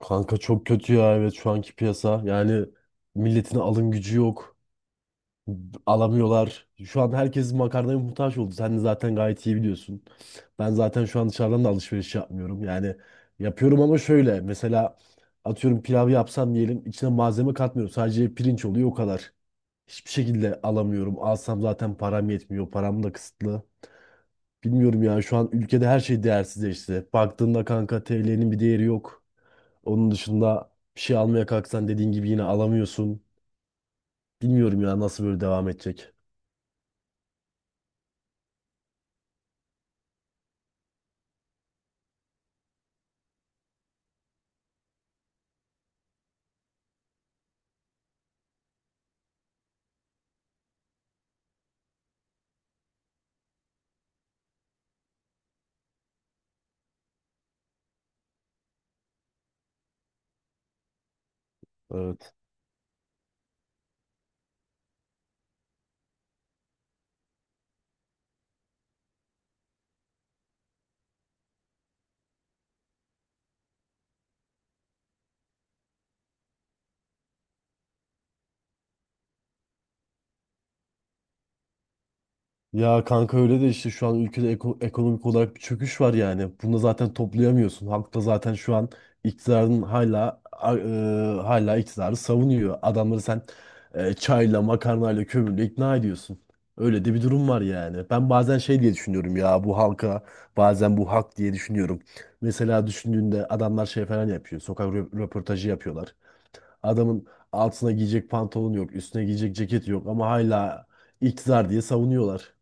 Kanka çok kötü ya, evet, şu anki piyasa. Yani milletin alım gücü yok. Alamıyorlar. Şu an herkes makarnaya muhtaç oldu. Sen de zaten gayet iyi biliyorsun. Ben zaten şu an dışarıdan da alışveriş yapmıyorum. Yani yapıyorum ama şöyle. Mesela atıyorum pilav yapsam diyelim içine malzeme katmıyorum. Sadece pirinç oluyor o kadar. Hiçbir şekilde alamıyorum. Alsam zaten param yetmiyor. Param da kısıtlı. Bilmiyorum ya, şu an ülkede her şey değersizleşti. Baktığında kanka TL'nin bir değeri yok. Onun dışında bir şey almaya kalksan dediğin gibi yine alamıyorsun. Bilmiyorum ya nasıl böyle devam edecek. Evet. Ya kanka, öyle de işte şu an ülkede ekonomik olarak bir çöküş var yani. Bunu da zaten toplayamıyorsun. Halk da zaten şu an iktidarın hala iktidarı savunuyor. Adamları sen çayla, makarnayla, kömürle ikna ediyorsun. Öyle de bir durum var yani. Ben bazen şey diye düşünüyorum ya bu halka, bazen bu hak diye düşünüyorum. Mesela düşündüğünde adamlar şey falan yapıyor. Sokak röportajı yapıyorlar. Adamın altına giyecek pantolon yok, üstüne giyecek ceket yok ama hala iktidar diye savunuyorlar.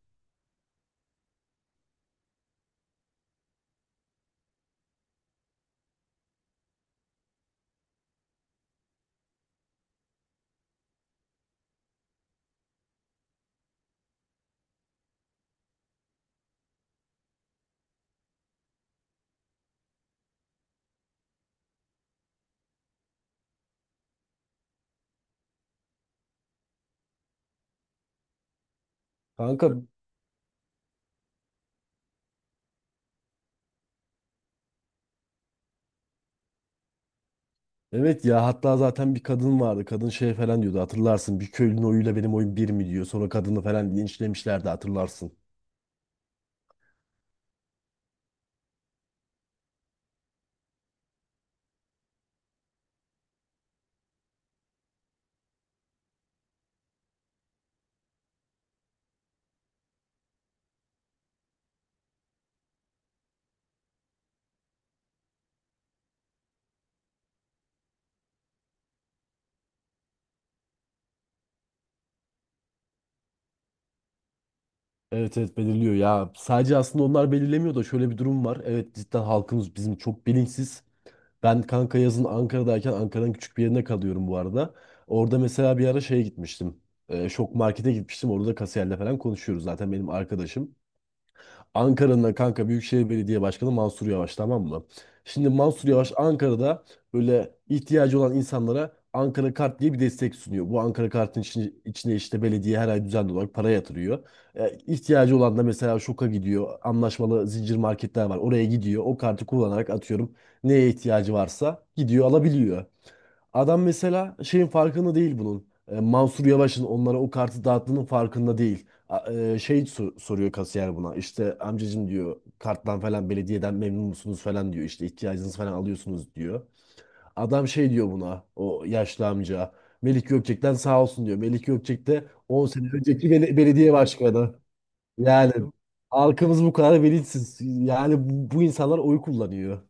Kanka evet ya, hatta zaten bir kadın vardı. Kadın şey falan diyordu, hatırlarsın. Bir köylünün oyuyla benim oyum bir mi diyor. Sonra kadını falan linçlemişlerdi, hatırlarsın. Evet, evet, belirliyor ya. Sadece aslında onlar belirlemiyor da şöyle bir durum var. Evet, cidden halkımız bizim çok bilinçsiz. Ben kanka yazın Ankara'dayken Ankara'nın küçük bir yerine kalıyorum bu arada. Orada mesela bir ara şeye gitmiştim. Şok markete gitmiştim. Orada da kasiyerle falan konuşuyoruz. Zaten benim arkadaşım. Ankara'nın kanka Büyükşehir Belediye Başkanı Mansur Yavaş, tamam mı? Şimdi Mansur Yavaş Ankara'da böyle ihtiyacı olan insanlara Ankara Kart diye bir destek sunuyor. Bu Ankara Kart'ın içine işte belediye her ay düzenli olarak para yatırıyor. İhtiyacı olan da mesela Şok'a gidiyor. Anlaşmalı zincir marketler var. Oraya gidiyor. O kartı kullanarak atıyorum neye ihtiyacı varsa gidiyor alabiliyor. Adam mesela şeyin farkında değil bunun. Mansur Yavaş'ın onlara o kartı dağıttığının farkında değil. Şey soruyor kasiyer buna. İşte amcacım diyor, karttan falan belediyeden memnun musunuz falan diyor. İşte ihtiyacınızı falan alıyorsunuz diyor. Adam şey diyor buna, o yaşlı amca. Melik Gökçek'ten sağ olsun diyor. Melik Gökçek de 10 sene önceki belediye başkanı. Yani halkımız bu kadar bilinçsiz. Yani bu insanlar oy kullanıyor.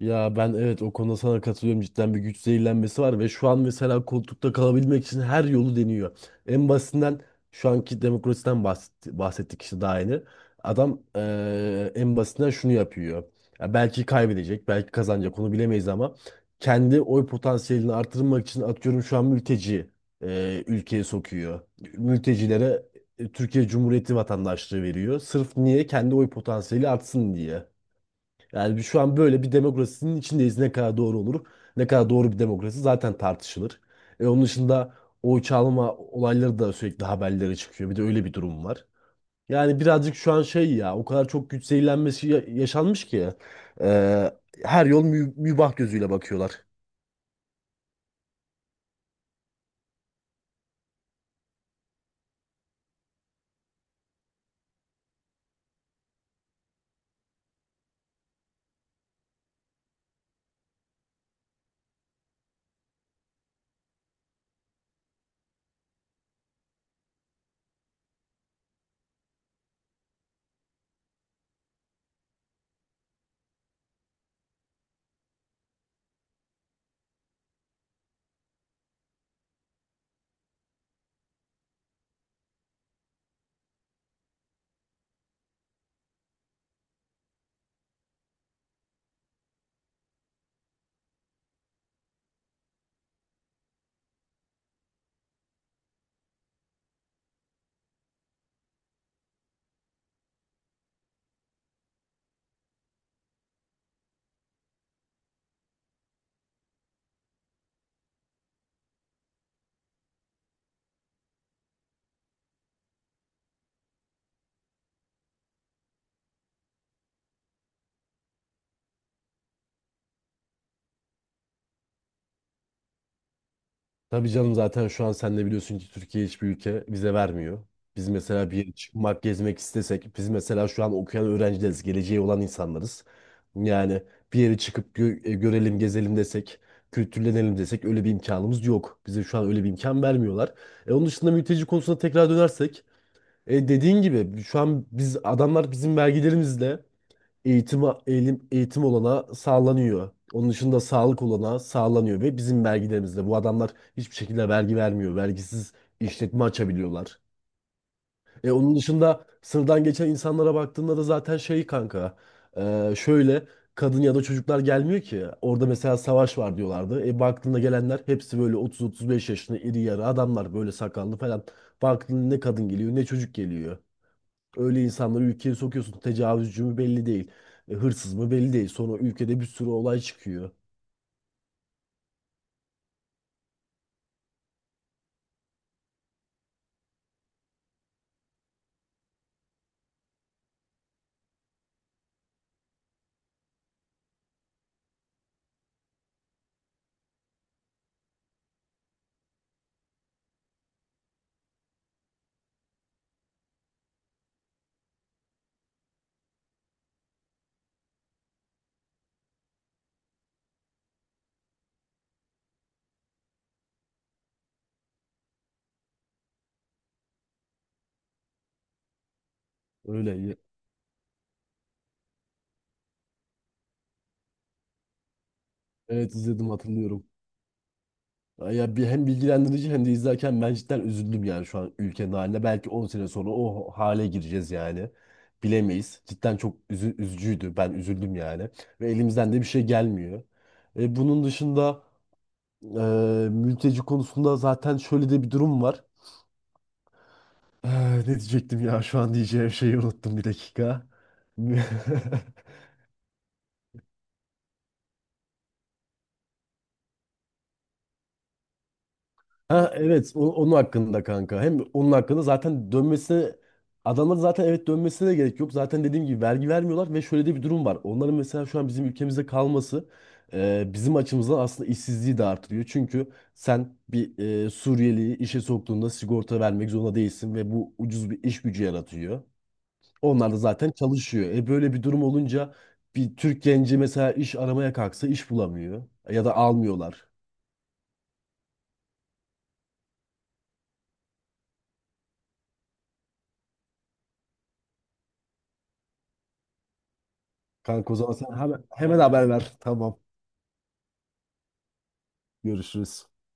Ya ben, evet, o konuda sana katılıyorum, cidden bir güç zehirlenmesi var ve şu an mesela koltukta kalabilmek için her yolu deniyor. En basitinden şu anki demokrasiden bahsettik işte daha yeni. Adam en basitinden şunu yapıyor. Ya belki kaybedecek belki kazanacak, onu bilemeyiz, ama kendi oy potansiyelini artırmak için atıyorum şu an mülteci ülkeye sokuyor. Mültecilere Türkiye Cumhuriyeti vatandaşlığı veriyor. Sırf niye? Kendi oy potansiyeli artsın diye. Yani şu an böyle bir demokrasinin içindeyiz. Ne kadar doğru olur, ne kadar doğru bir demokrasi zaten tartışılır. Onun dışında oy çalma olayları da sürekli haberlere çıkıyor. Bir de öyle bir durum var. Yani birazcık şu an şey ya, o kadar çok güç zehirlenmesi yaşanmış ki e, her yol mübah gözüyle bakıyorlar. Tabii canım, zaten şu an sen de biliyorsun ki Türkiye hiçbir ülke vize vermiyor. Biz mesela bir yere çıkmak, gezmek istesek, biz mesela şu an okuyan öğrencileriz, geleceği olan insanlarız. Yani bir yere çıkıp görelim, gezelim desek, kültürlenelim desek öyle bir imkanımız yok. Bize şu an öyle bir imkan vermiyorlar. Onun dışında mülteci konusuna tekrar dönersek, dediğin gibi şu an biz adamlar bizim vergilerimizle eğitim, eğilim, eğitim olana sağlanıyor. Onun dışında sağlık olana sağlanıyor, ve bizim vergilerimizle. Bu adamlar hiçbir şekilde vergi vermiyor. Vergisiz işletme açabiliyorlar. Onun dışında sınırdan geçen insanlara baktığında da zaten şey kanka. Şöyle kadın ya da çocuklar gelmiyor ki. Orada mesela savaş var diyorlardı. Baktığında gelenler hepsi böyle 30-35 yaşında iri yarı adamlar, böyle sakallı falan. Baktığında ne kadın geliyor ne çocuk geliyor. Öyle insanları ülkeye sokuyorsun. Tecavüzcü mü belli değil. Hırsız mı belli değil. Sonra ülkede bir sürü olay çıkıyor. Öyle. Evet, izledim, hatırlıyorum. Ya bir hem bilgilendirici hem de izlerken ben cidden üzüldüm yani şu an ülkenin haline. Belki 10 sene sonra o hale gireceğiz yani. Bilemeyiz. Cidden çok üzücüydü. Ben üzüldüm yani. Ve elimizden de bir şey gelmiyor. Bunun dışında mülteci konusunda zaten şöyle de bir durum var. Ah, ne diyecektim ya, şu an diyeceğim şeyi unuttum bir dakika. Ha, evet, onun hakkında kanka. Hem onun hakkında zaten dönmesine, adamların zaten, evet, dönmesine de gerek yok. Zaten dediğim gibi vergi vermiyorlar ve şöyle de bir durum var. Onların mesela şu an bizim ülkemizde kalması bizim açımızdan aslında işsizliği de artırıyor. Çünkü sen bir Suriyeliyi işe soktuğunda sigorta vermek zorunda değilsin ve bu ucuz bir iş gücü yaratıyor. Onlar da zaten çalışıyor. Böyle bir durum olunca bir Türk genci mesela iş aramaya kalksa iş bulamıyor. Ya da almıyorlar. Kanka o zaman sen hemen haber ver. Tamam. Görüşürüz.